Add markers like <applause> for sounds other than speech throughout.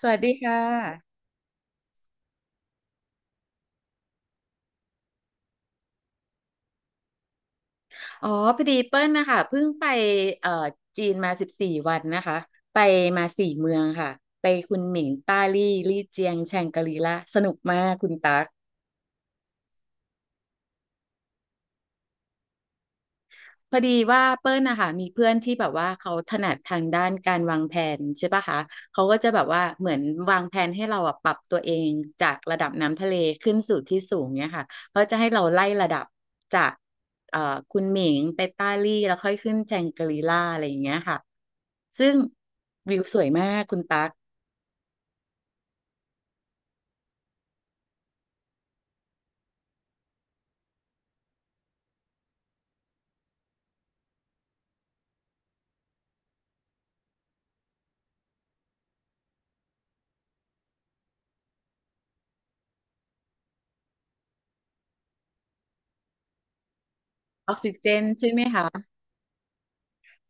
สวัสดีค่ะ อ๋อพอดีเปิ้ลนะคะเพิ่งไปเอ่อจีนมา14 วันนะคะ ไปมาสี่เมืองค่ะ ไปคุนหมิงต้าลี่ ลี่เจียง แชงกรีลาสนุกมากคุณตั๊ก พอดีว่าเปิ้ลนะคะมีเพื่อนที่แบบว่าเขาถนัดทางด้านการวางแผนใช่ปะคะเขาก็จะแบบว่าเหมือนวางแผนให้เราอะปรับตัวเองจากระดับน้ำทะเลขึ้นสู่ที่สูงเนี่ยค่ะเขาจะให้เราไล่ระดับจากเอ่อคุณหมิงไปต้าลี่แล้วค่อยขึ้นแจงกรีล่าอะไรอย่างเงี้ยค่ะซึ่งวิวสวยมากคุณตั๊กออกซิเจนใช่ไหมคะ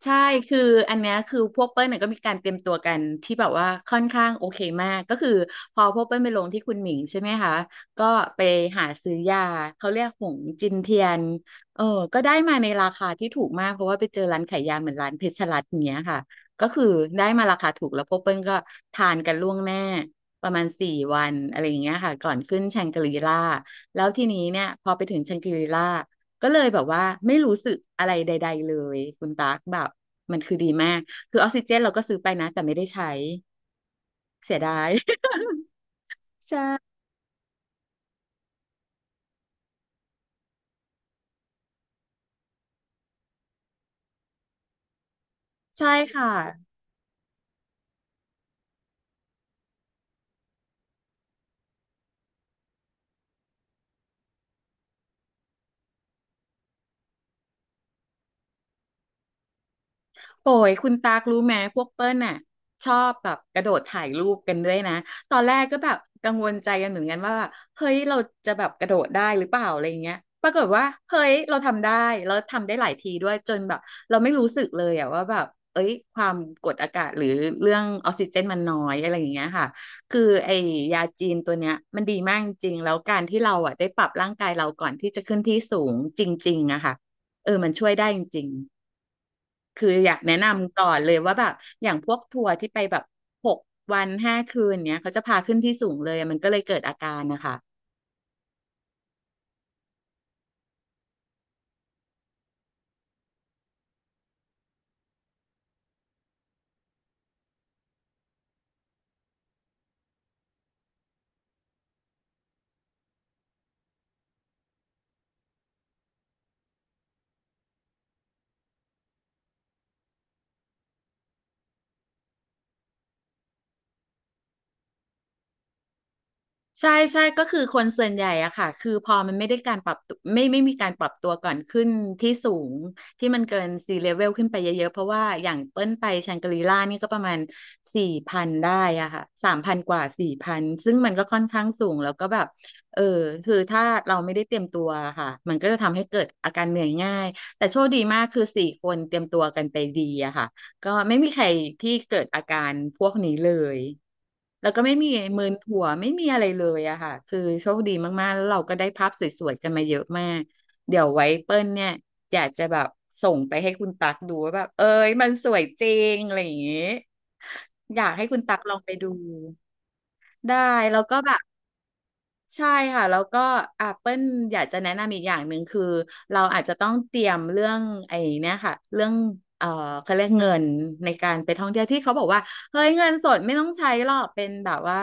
ใช่ คืออันเนี้ยคือพวกเปิ้ลเนี่ยก็มีการเตรียมตัวกันที่แบบว่าค่อนข้างโอเคมาก ก็คือพอพวกเปิ้ลไปลงที่คุณหมิงใช่ไหมคะ ก็ไปหาซื้อยาเขาเรียกหงจินเทียนเออก็ได้มาในราคาที่ถูกมากเพราะว่าไปเจอร้านขายยาเหมือนร้านเพชรรัตน์อย่างเงี้ยค่ะก็คือได้มาราคาถูกแล้วพวกเปิ้ลก็ทานกันล่วงหน้าประมาณสี่วันอะไรอย่างเงี้ยค่ะก่อนขึ้นแชงกรีล่าแล้วทีนี้เนี่ยพอไปถึงแชงกรีล่า ก็เลยแบบว่าไม่รู้สึกอะไรใดๆเลยคุณตั๊กแบบมันคือดีมากคือออกซิเจนเราก็ซื้อไปนะแต่ไม่ได้ใช้เสียดาย <laughs> ใช่ใช่ค่ะ โอ้ยคุณตากรู้ไหมพวกเปิ้ลน่ะชอบแบบกระโดดถ่ายรูปกันด้วยนะตอนแรกก็แบบกังวลใจกันเหมือนกันว่าแบบเฮ้ยเราจะแบบกระโดดได้หรือเปล่าอะไรเงี้ยปรากฏว่าเฮ้ยเราทำได้แล้วทำได้หลายทีด้วยจนแบบเราไม่รู้สึกเลยอะว่าแบบเอ้ยความกดอากาศหรือเรื่องออกซิเจนมันน้อยอะไรอย่างเงี้ยค่ะคือไอ้ยาจีนตัวเนี้ยมันดีมากจริงๆแล้วการที่เราอะได้ปรับร่างกายเราก่อนที่จะขึ้นที่สูงจริงๆอะค่ะเออมันช่วยได้จริง คืออยากแนะนำก่อนเลยว่าแบบอย่างพวกทัวร์ที่ไปแบบ6 วัน 5 คืนเนี้ยเขาจะพาขึ้นที่สูงเลยมันก็เลยเกิดอาการนะคะ ใช่ใช่ก็คือคนส่วนใหญ่อะค่ะคือพอมันไม่ได้การปรับตัวไม่มีการปรับตัวก่อนขึ้นที่สูงที่มันเกินซี level ขึ้นไปเยอะๆเพราะว่าอย่างเปิ้ลไปแชงกรีล่านี่ก็ประมาณสี่พันได้อะค่ะ3,000 กว่า 4,000ซึ่งมันก็ค่อนข้างสูงแล้วก็แบบเออคือถ้าเราไม่ได้เตรียมตัวค่ะมันก็จะทำให้เกิดอาการเหนื่อยง่ายแต่โชคดีมากคือสี่คนเตรียมตัวกันไปดีอะค่ะ ก็ไม่มีใครที่เกิดอาการพวกนี้เลย แล้วก็ไม่มีมึนหัวไม่มีอะไรเลยอะค่ะ คือโชคดีมากๆแล้วเราก็ได้ภาพสวยๆกันมาเยอะมาก เดี๋ยวไว้เปิ้ลเนี่ยอยากจะแบบส่งไปให้คุณตักดูว่าแบบเอ้ยมันสวยจริงอะไรอย่างงี้อยากให้คุณตักลองไปดูได้แล้วก็แบบ ใช่ค่ะแล้วก็อ่ะเปิ้ลอยากจะแนะนำอีกอย่างหนึ่งคือเราอาจจะต้องเตรียมเรื่องไอ้เนี่ยค่ะเรื่องเอ่อเขาเรียกเงินในการไปท่องเที่ยวที่เขาบอกว่าเฮ้ยเงินสดไม่ต้องใช้หรอกเป็นแบบว่า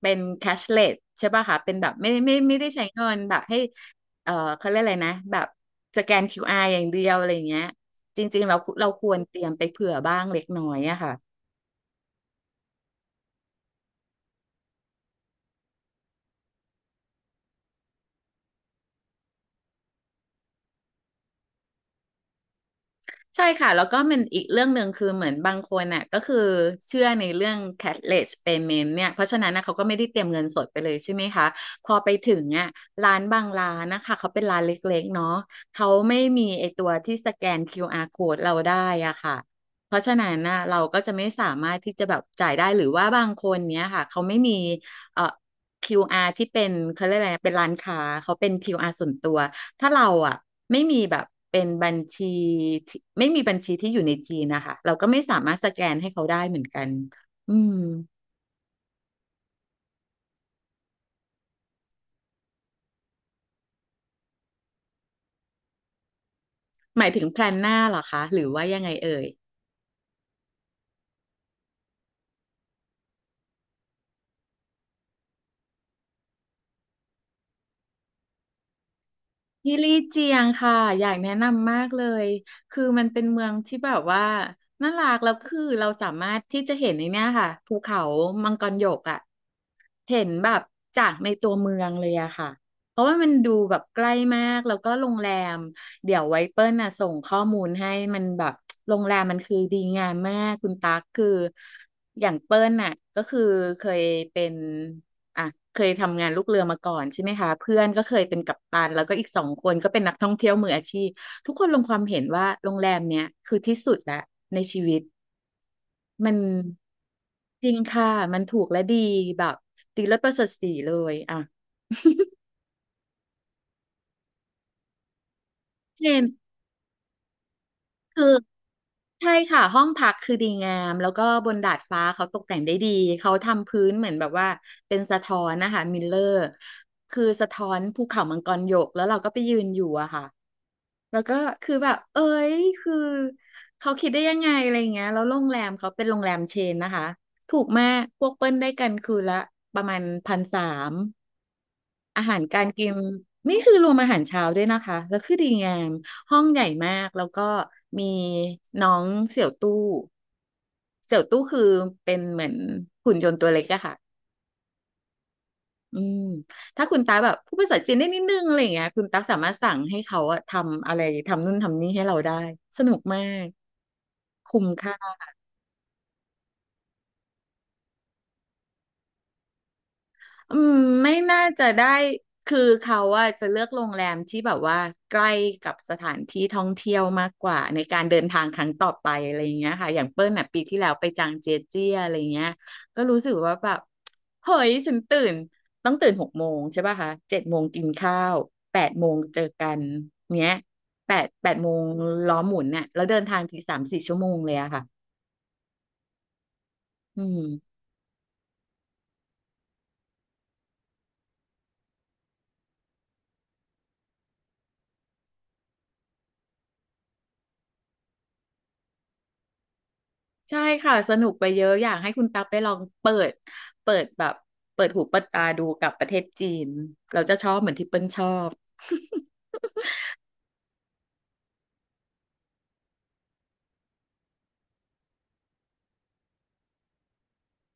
เป็นแคชเลสใช่ป่ะคะเป็นแบบไม่ได้ใช้เงินแบบให้เอ่อเขาเรียกอะไรนะแบบสแกน QR อาร์อย่างเดียวอะไรอย่างเงี้ยจริงๆเราควรเตรียมไปเผื่อบ้างเล็กน้อยอะค่ะ ใช่ค่ะแล้วก็มันอีกเรื่องหนึ่งคือเหมือนบางคนน่ะก็คือเชื่อในเรื่อง cashless payment เนี่ยเพราะฉะนั้นนะเขาก็ไม่ได้เตรียมเงินสดไปเลยใช่ไหมคะพอไปถึงอ่ะร้านบางร้านนะคะเขาเป็นร้านเล็กๆเนาะเขาไม่มีไอตัวที่สแกนคิวอาร์ code เราได้อ่ะค่ะเพราะฉะนั้นนะเราก็จะไม่สามารถที่จะแบบจ่ายได้หรือว่าบางคนเนี้ยค่ะเขาไม่มีเอ่อคิวอาร์ที่เป็นเขาเรียกอะไรนะเป็นร้านค้าเขาเป็นคิวอาร์ส่วนตัว ถ้าเราอ่ะไม่มีแบบเป็นบัญชีที่ไม่มีบัญชีที่อยู่ในจีนนะคะเราก็ไม่สามารถสแกนให้เขาได้เหมือนกันอืมหมายถึงแพลนหน้าเหรอคะหรือว่ายังไงเอ่ย ที่ลี่เจียงค่ะ อยากแนะนำมากเลย คือมันเป็นเมืองที่แบบว่าน่ารักแล้วคือเราสามารถที่จะเห็นในเนี้ยค่ะภูเขามังกรหยกอ่ะเห็นแบบจากในตัวเมืองเลยอะค่ะ เพราะว่ามันดูแบบใกล้มาก แล้วก็โรงแรมเดี๋ยวไว้เปิ้ลน่ะส่งข้อมูลให้มันแบบโรงแรมมันคือดีงามมากคุณตั๊กคืออย่างเปิ้ลน่ะก็คือเคยเป็น อ่ะเคยทำงานลูกเรือมาก่อนใช่ไหมคะเพื่อนก็เคยเป็นกัปตันแล้วก็อีกสองคนก็เป็นนักท่องเที่ยวมืออาชีพทุกคนลงความเห็นว่าโรงแรมเนี้ยคือที่สุดละในชีวิตมันจริงค่ะมันถูกและดีแบบดีเลิศประเสริฐศรีเลยอ่ะเห็นคือใช่ค่ะห้องพักคือดีงามแล้วก็บนดาดฟ้าเขาตกแต่งได้ดีเขาทำพื้นเหมือนแบบว่าเป็นสะท้อนนะคะมิลเลอร์คือสะท้อนภูเขามังกรหยกแล้วเราก็ไปยืนอยู่อะค่ะ แล้วก็คือแบบเอ้ยคือเขาคิดได้ยังไงอะไรอย่างเงี้ยแล้วโรงแรมเขาเป็นโรงแรมเชนนะคะถูกมากพวกเปิ้ลได้กันคืนละประมาณ1,300อาหารการกินนี่คือรวมอาหารเช้าด้วยนะคะแล้วคือดีงามห้องใหญ่มากแล้วก็มีน้องเสี่ยวตู้เสี่ยวตู้คือเป็นเหมือนหุ่นยนต์ตัวเล็กอะค่ะ อืมถ้าคุณตาแบบพูดภาษาจีนได้นิดนึงอะไรอย่างเงี้ยคุณตั๊กสามารถสั่งให้เขาอะทำอะไรทำนู่นทำนี่ให้เราได้สนุกมากคุ้มค่า อืมไม่น่าจะได้คือเขาอะจะเลือกโรงแรมที่แบบว่าใกล้กับสถานที่ท่องเที่ยวมากกว่าในการเดินทางครั้งต่อไปอะไรอย่างเงี้ยค่ะอย่างเปิ้ลอะปีที่แล้วไปจางเจียเจี้ยอะไรเงี้ยก็รู้สึกว่าแบบเฮ้ยฉันตื่นต้องตื่น6 โมงใช่ป่ะคะ7 โมงกินข้าวแปดโมงเจอกันเนี้ยแปดโมงล้อหมุนเนี่ยแล้วเดินทางที3-4 ชั่วโมงเลยอะค่ะอืม ใช่ค่ะสนุกไปเยอะอยากให้คุณตั๊บไปลองเปิดแบบเปิดหูเปิดตาดูกับประเทศจีนเราจะชอบเหมือนที่เปิ้ลชอบ <laughs>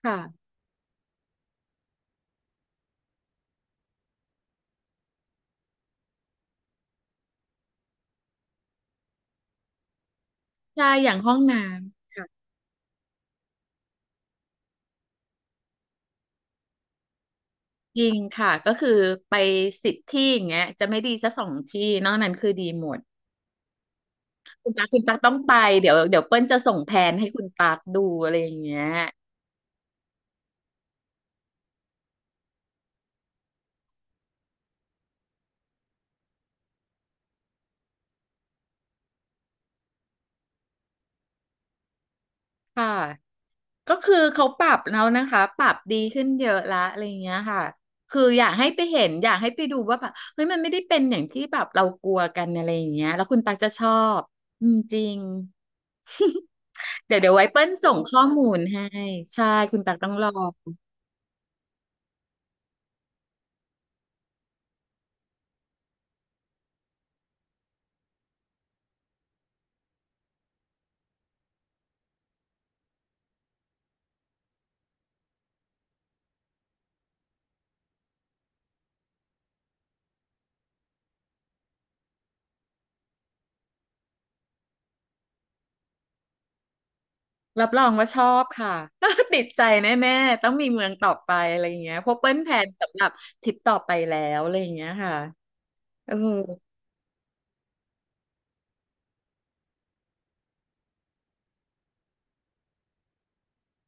ค่ะใช่อย่างห้องน้ำจริงค่ะก็คือไป10 ที่อย่างเงี้ยจะไม่ดีสักสองที่นอกนั้นคือดีหมดคุณตั๊กต้องไปเดี๋ยวเปิ้ลจะส่งแผนให้คุณตั๊กดูอะไรอย่างเงี้ยค่ะ ก็คือเขาปรับแล้วนะคะปรับดีขึ้นเยอะละอะไรอย่างเงี้ยค่ะคืออยากให้ไปเห็นอยากให้ไปดูว่าแบบเฮ้ยมันไม่ได้เป็นอย่างที่แบบเรากลัวกันอะไรอย่างเงี้ยแล้วคุณตักจะชอบอืมจริงเดี๋ยวไว้เปิ้ลส่งข้อมูลให้ใช่คุณตักต้องลองรับรองว่าชอบค่ะ <laughs> ติดใจแน่ๆต้องมีเมืองต่อไปอะไรอย่างเงี้ยเพราะเปิ้ลแผนสำหรับทริปต่อไปแล้วอะไรอย่างเงี้ยค่ะเออ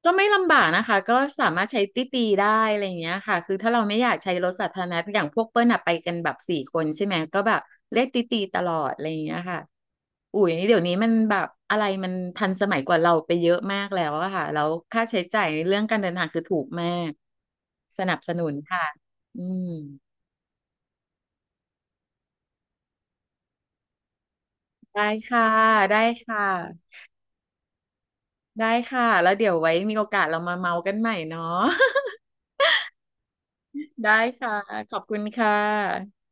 ก็ไม่ลำบากนะคะก็สามารถใช้ตี้ตีได้อะไรอย่างเงี้ยค่ะคือถ้าเราไม่อยากใช้รถสาธารณะอย่างพวกเปิ้ลอะไปกันแบบสี่คนใช่ไหมก็แบบเรียกตี้ตีตลอดอะไรอย่างเงี้ยค่ะอุ๋ยเดี๋ยวนี้มันแบบอะไรมันทันสมัยกว่าเราไปเยอะมากแล้วอะค่ะแล้วค่าใช้จ่ายในเรื่องการเดินทางคือถูกมากสนับสนุนค่ะอืมได้ค่ะได้ค่ะได้ค่ะแล้วเดี๋ยวไว้มีโอกาสเรามาเมากันใหม่เนาะ <laughs> ได้ค่ะขอบคุณค่ะ